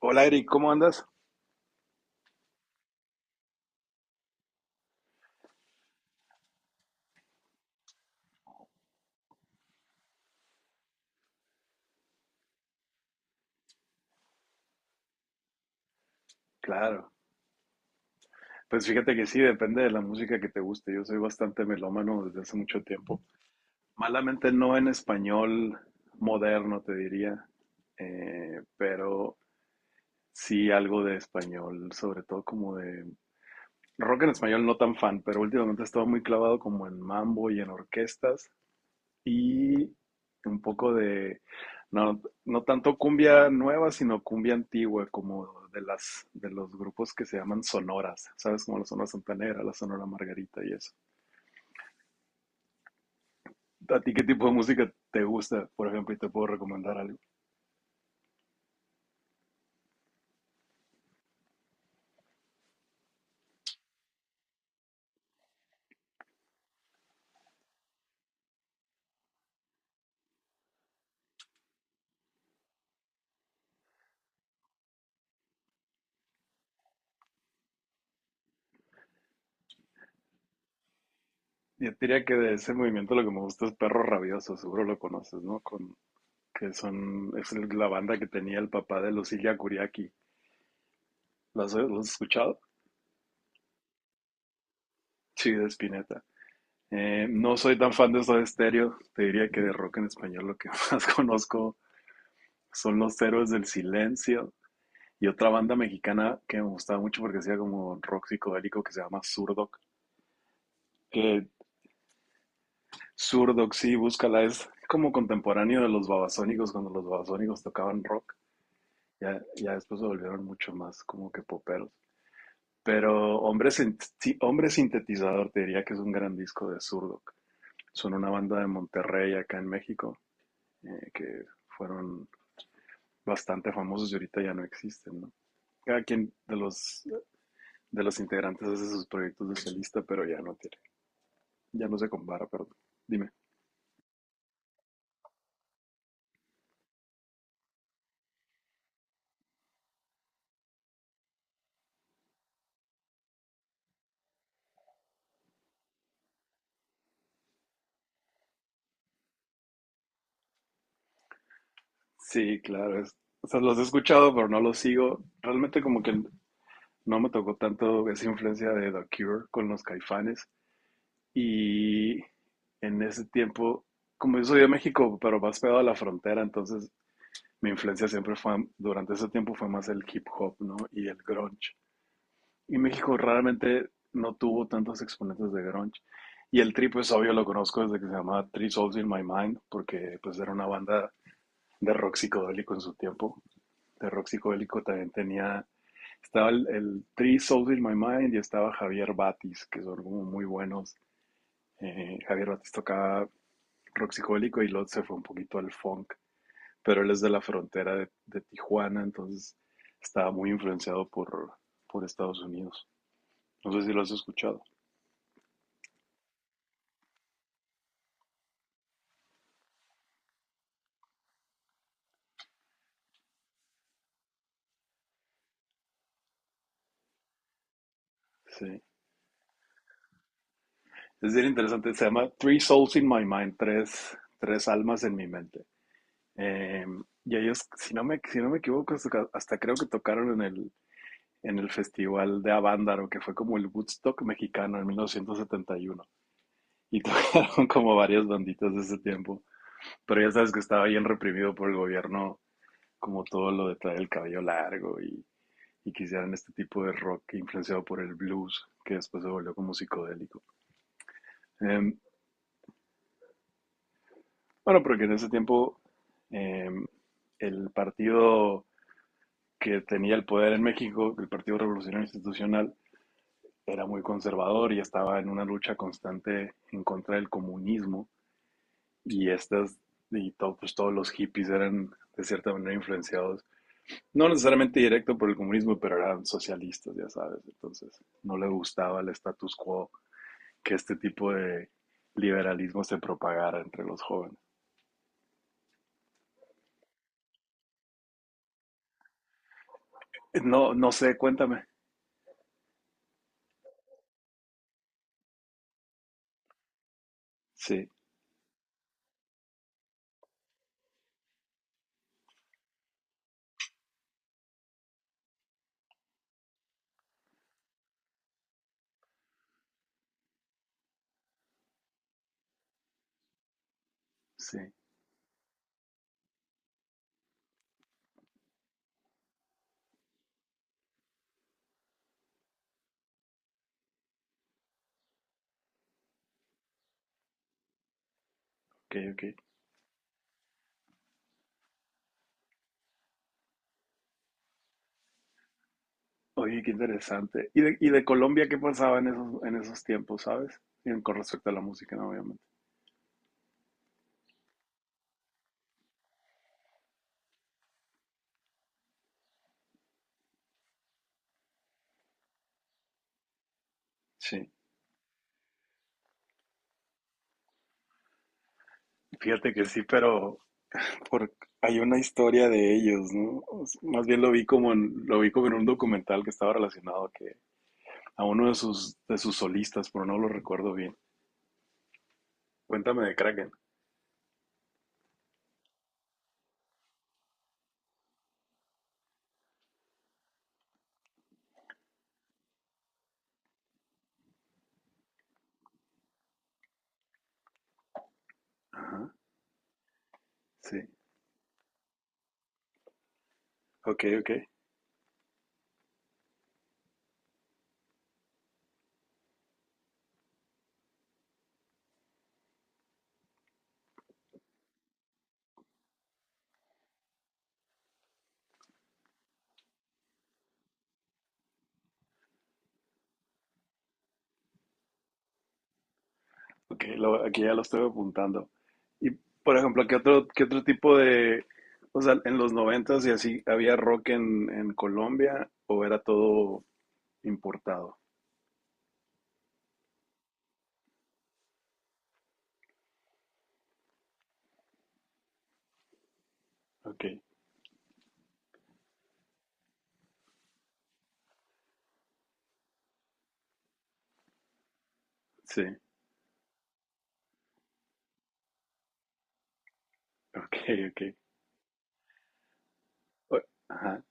Hola Eric, ¿cómo andas? Claro, pues fíjate que sí, depende de la música que te guste. Yo soy bastante melómano desde hace mucho tiempo. Malamente no en español moderno, te diría, pero sí algo de español, sobre todo como de rock en español, no tan fan, pero últimamente he estado muy clavado como en mambo y en orquestas. Y un poco de, no, no tanto cumbia nueva, sino cumbia antigua, como de las, de los grupos que se llaman sonoras, ¿sabes? Como la Sonora Santanera, la Sonora Margarita y eso. ¿A ti qué tipo de música te gusta, por ejemplo, y te puedo recomendar algo? Yo diría que de ese movimiento lo que me gusta es Perro Rabioso, seguro lo conoces, ¿no? Con, que son, es la banda que tenía el papá de Lucilia Curiaki. ¿Lo has escuchado? Sí, de Spinetta. No soy tan fan de Soda Stereo. Te diría que de rock en español lo que más conozco son Los Héroes del Silencio y otra banda mexicana que me gustaba mucho porque hacía como rock psicodélico que se llama Surdoc. Que Surdoc, sí, búscala, es como contemporáneo de los babasónicos cuando los babasónicos tocaban rock. Ya, ya después se volvieron mucho más como que poperos. Pero Hombre, Sin- Sí, Hombre Sintetizador te diría que es un gran disco de Surdoc. Son una banda de Monterrey acá en México, que fueron bastante famosos y ahorita ya no existen, ¿no? Cada quien de los, integrantes hace sus proyectos de solista, pero ya no tiene, ya no se compara, perdón. Dime. Sí, claro, o sea, los he escuchado, pero no los sigo. Realmente como que no me tocó tanto esa influencia de The Cure con los Caifanes. Y en ese tiempo, como yo soy de México, pero más pegado a la frontera, entonces mi influencia siempre fue, durante ese tiempo fue más el hip hop, ¿no? Y el grunge. Y México raramente no tuvo tantos exponentes de grunge. Y el Tri, pues obvio lo conozco desde que se llamaba Three Souls in My Mind, porque pues era una banda de rock psicodélico en su tiempo. De rock psicodélico también tenía, estaba el Three Souls in My Mind y estaba Javier Batis, que son como muy buenos. Javier Batis tocaba rock psicodélico y luego se fue un poquito al funk, pero él es de la frontera de Tijuana, entonces estaba muy influenciado por Estados Unidos. No sé si lo has escuchado. Sí. Es bien interesante, se llama Three Souls in My Mind, tres almas en mi mente. Eh, y ellos, si no me equivoco, hasta, creo que tocaron en el, festival de Avándaro, que fue como el Woodstock mexicano en 1971. Y uno. Y tocaron como varias banditas de ese tiempo. Pero ya sabes que estaba bien reprimido por el gobierno, como todo lo de traer el cabello largo y que hicieran este tipo de rock influenciado por el blues, que después se volvió como psicodélico. Eh, Bueno, porque en ese tiempo, em, el partido que tenía el poder en México, el Partido Revolucionario Institucional, era muy conservador y estaba en una lucha constante en contra del comunismo. Y estas, pues, todos los hippies eran de cierta manera influenciados, no necesariamente directo por el comunismo, pero eran socialistas, ya sabes. Entonces, no le gustaba el status quo que este tipo de liberalismo se propagara entre los jóvenes. No, no sé, cuéntame. Sí, sí. Ok, ok. Oye, qué interesante. ¿Y de Colombia qué pasaba en esos, tiempos, sabes? En Con respecto a la música, ¿no? Obviamente. Sí, fíjate que sí, pero por, hay una historia de ellos, ¿no? Más bien lo vi como en un documental que estaba relacionado a que a uno de sus solistas, pero no lo recuerdo bien. Cuéntame de Kraken. Ajá, sí. Ok, ok. Ok, aquí ya lo estoy apuntando. Y, por ejemplo, ¿qué otro tipo de, o sea, en los 90s y así, había rock en Colombia o era todo importado? Ok, sí, ok, ok. O- Ajá,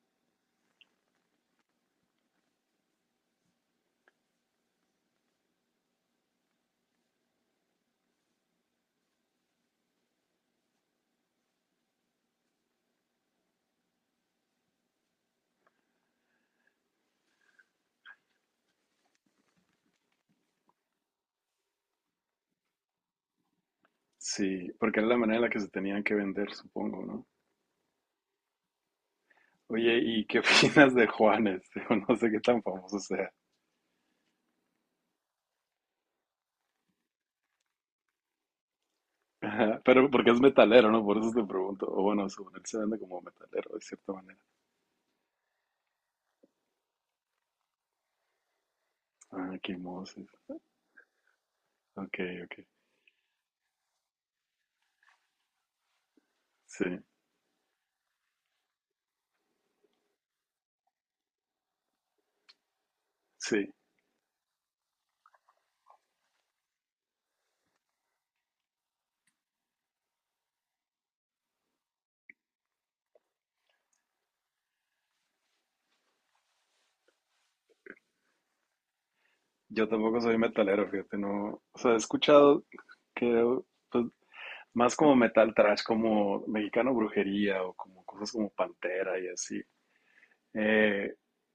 sí, porque era la manera en la que se tenían que vender, supongo, ¿no? Oye, ¿y qué opinas de Juanes? Digo, no sé qué tan famoso sea. Ajá, pero porque es metalero, ¿no? Por eso te pregunto. O bueno, según él se vende como metalero, de cierta manera. Ah, qué moses. Ok, ok. Sí. Sí, yo tampoco soy metalero, fíjate, no, o sea, he escuchado que pues, más como metal trash, como Mexicano Brujería o como cosas como Pantera y así. Eh,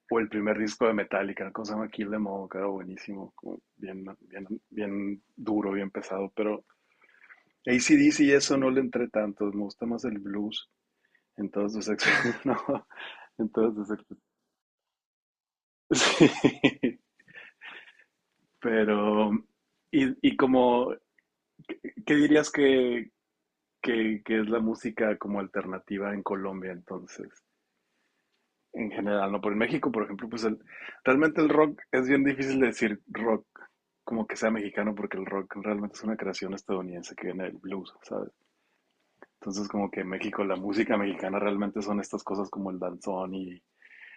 o el primer disco de Metallica, ¿no? ¿Cómo se llama? Kill Them All, que era buenísimo, como bien, bien, bien duro, bien pesado, pero AC/DC y eso no le entré tanto, me gusta más el blues, entonces, no, entonces, sí, pero, y como, ¿qué dirías que es la música como alternativa en Colombia, entonces, en general, ¿no? Por En México, por ejemplo, pues realmente el rock es bien difícil de decir rock como que sea mexicano, porque el rock realmente es una creación estadounidense que viene del blues, ¿sabes? Entonces, como que en México, la música mexicana realmente son estas cosas como el danzón y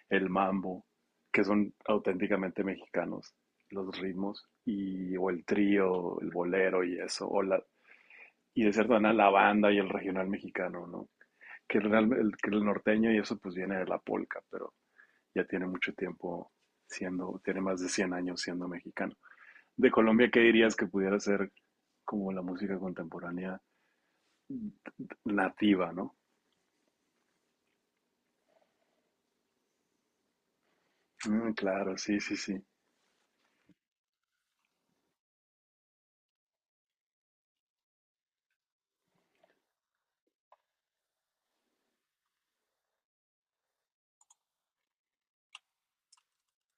el mambo, que son auténticamente mexicanos, los ritmos, y, o el trío, el bolero y eso, y de cierta manera la banda y el regional mexicano, ¿no? que el, que el norteño y eso pues viene de la polca, pero ya tiene mucho tiempo siendo, tiene más de 100 años siendo mexicano. De Colombia, ¿qué dirías que pudiera ser como la música contemporánea nativa, ¿no? Mm, claro, sí, sí, sí.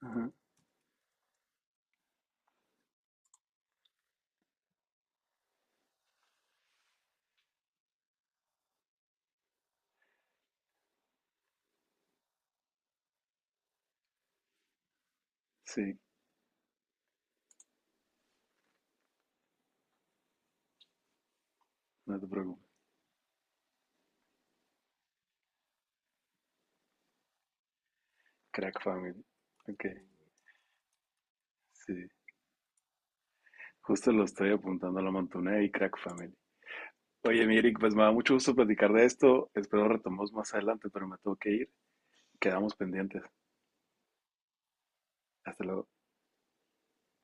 Ajá, sí, no te preocupes. Crack Family. Ok, sí. Justo lo estoy apuntando a la Montuné y Crack Family. Oye, mi Eric, pues me da mucho gusto platicar de esto. Espero retomemos más adelante, pero me tengo que ir. Quedamos pendientes. Hasta luego.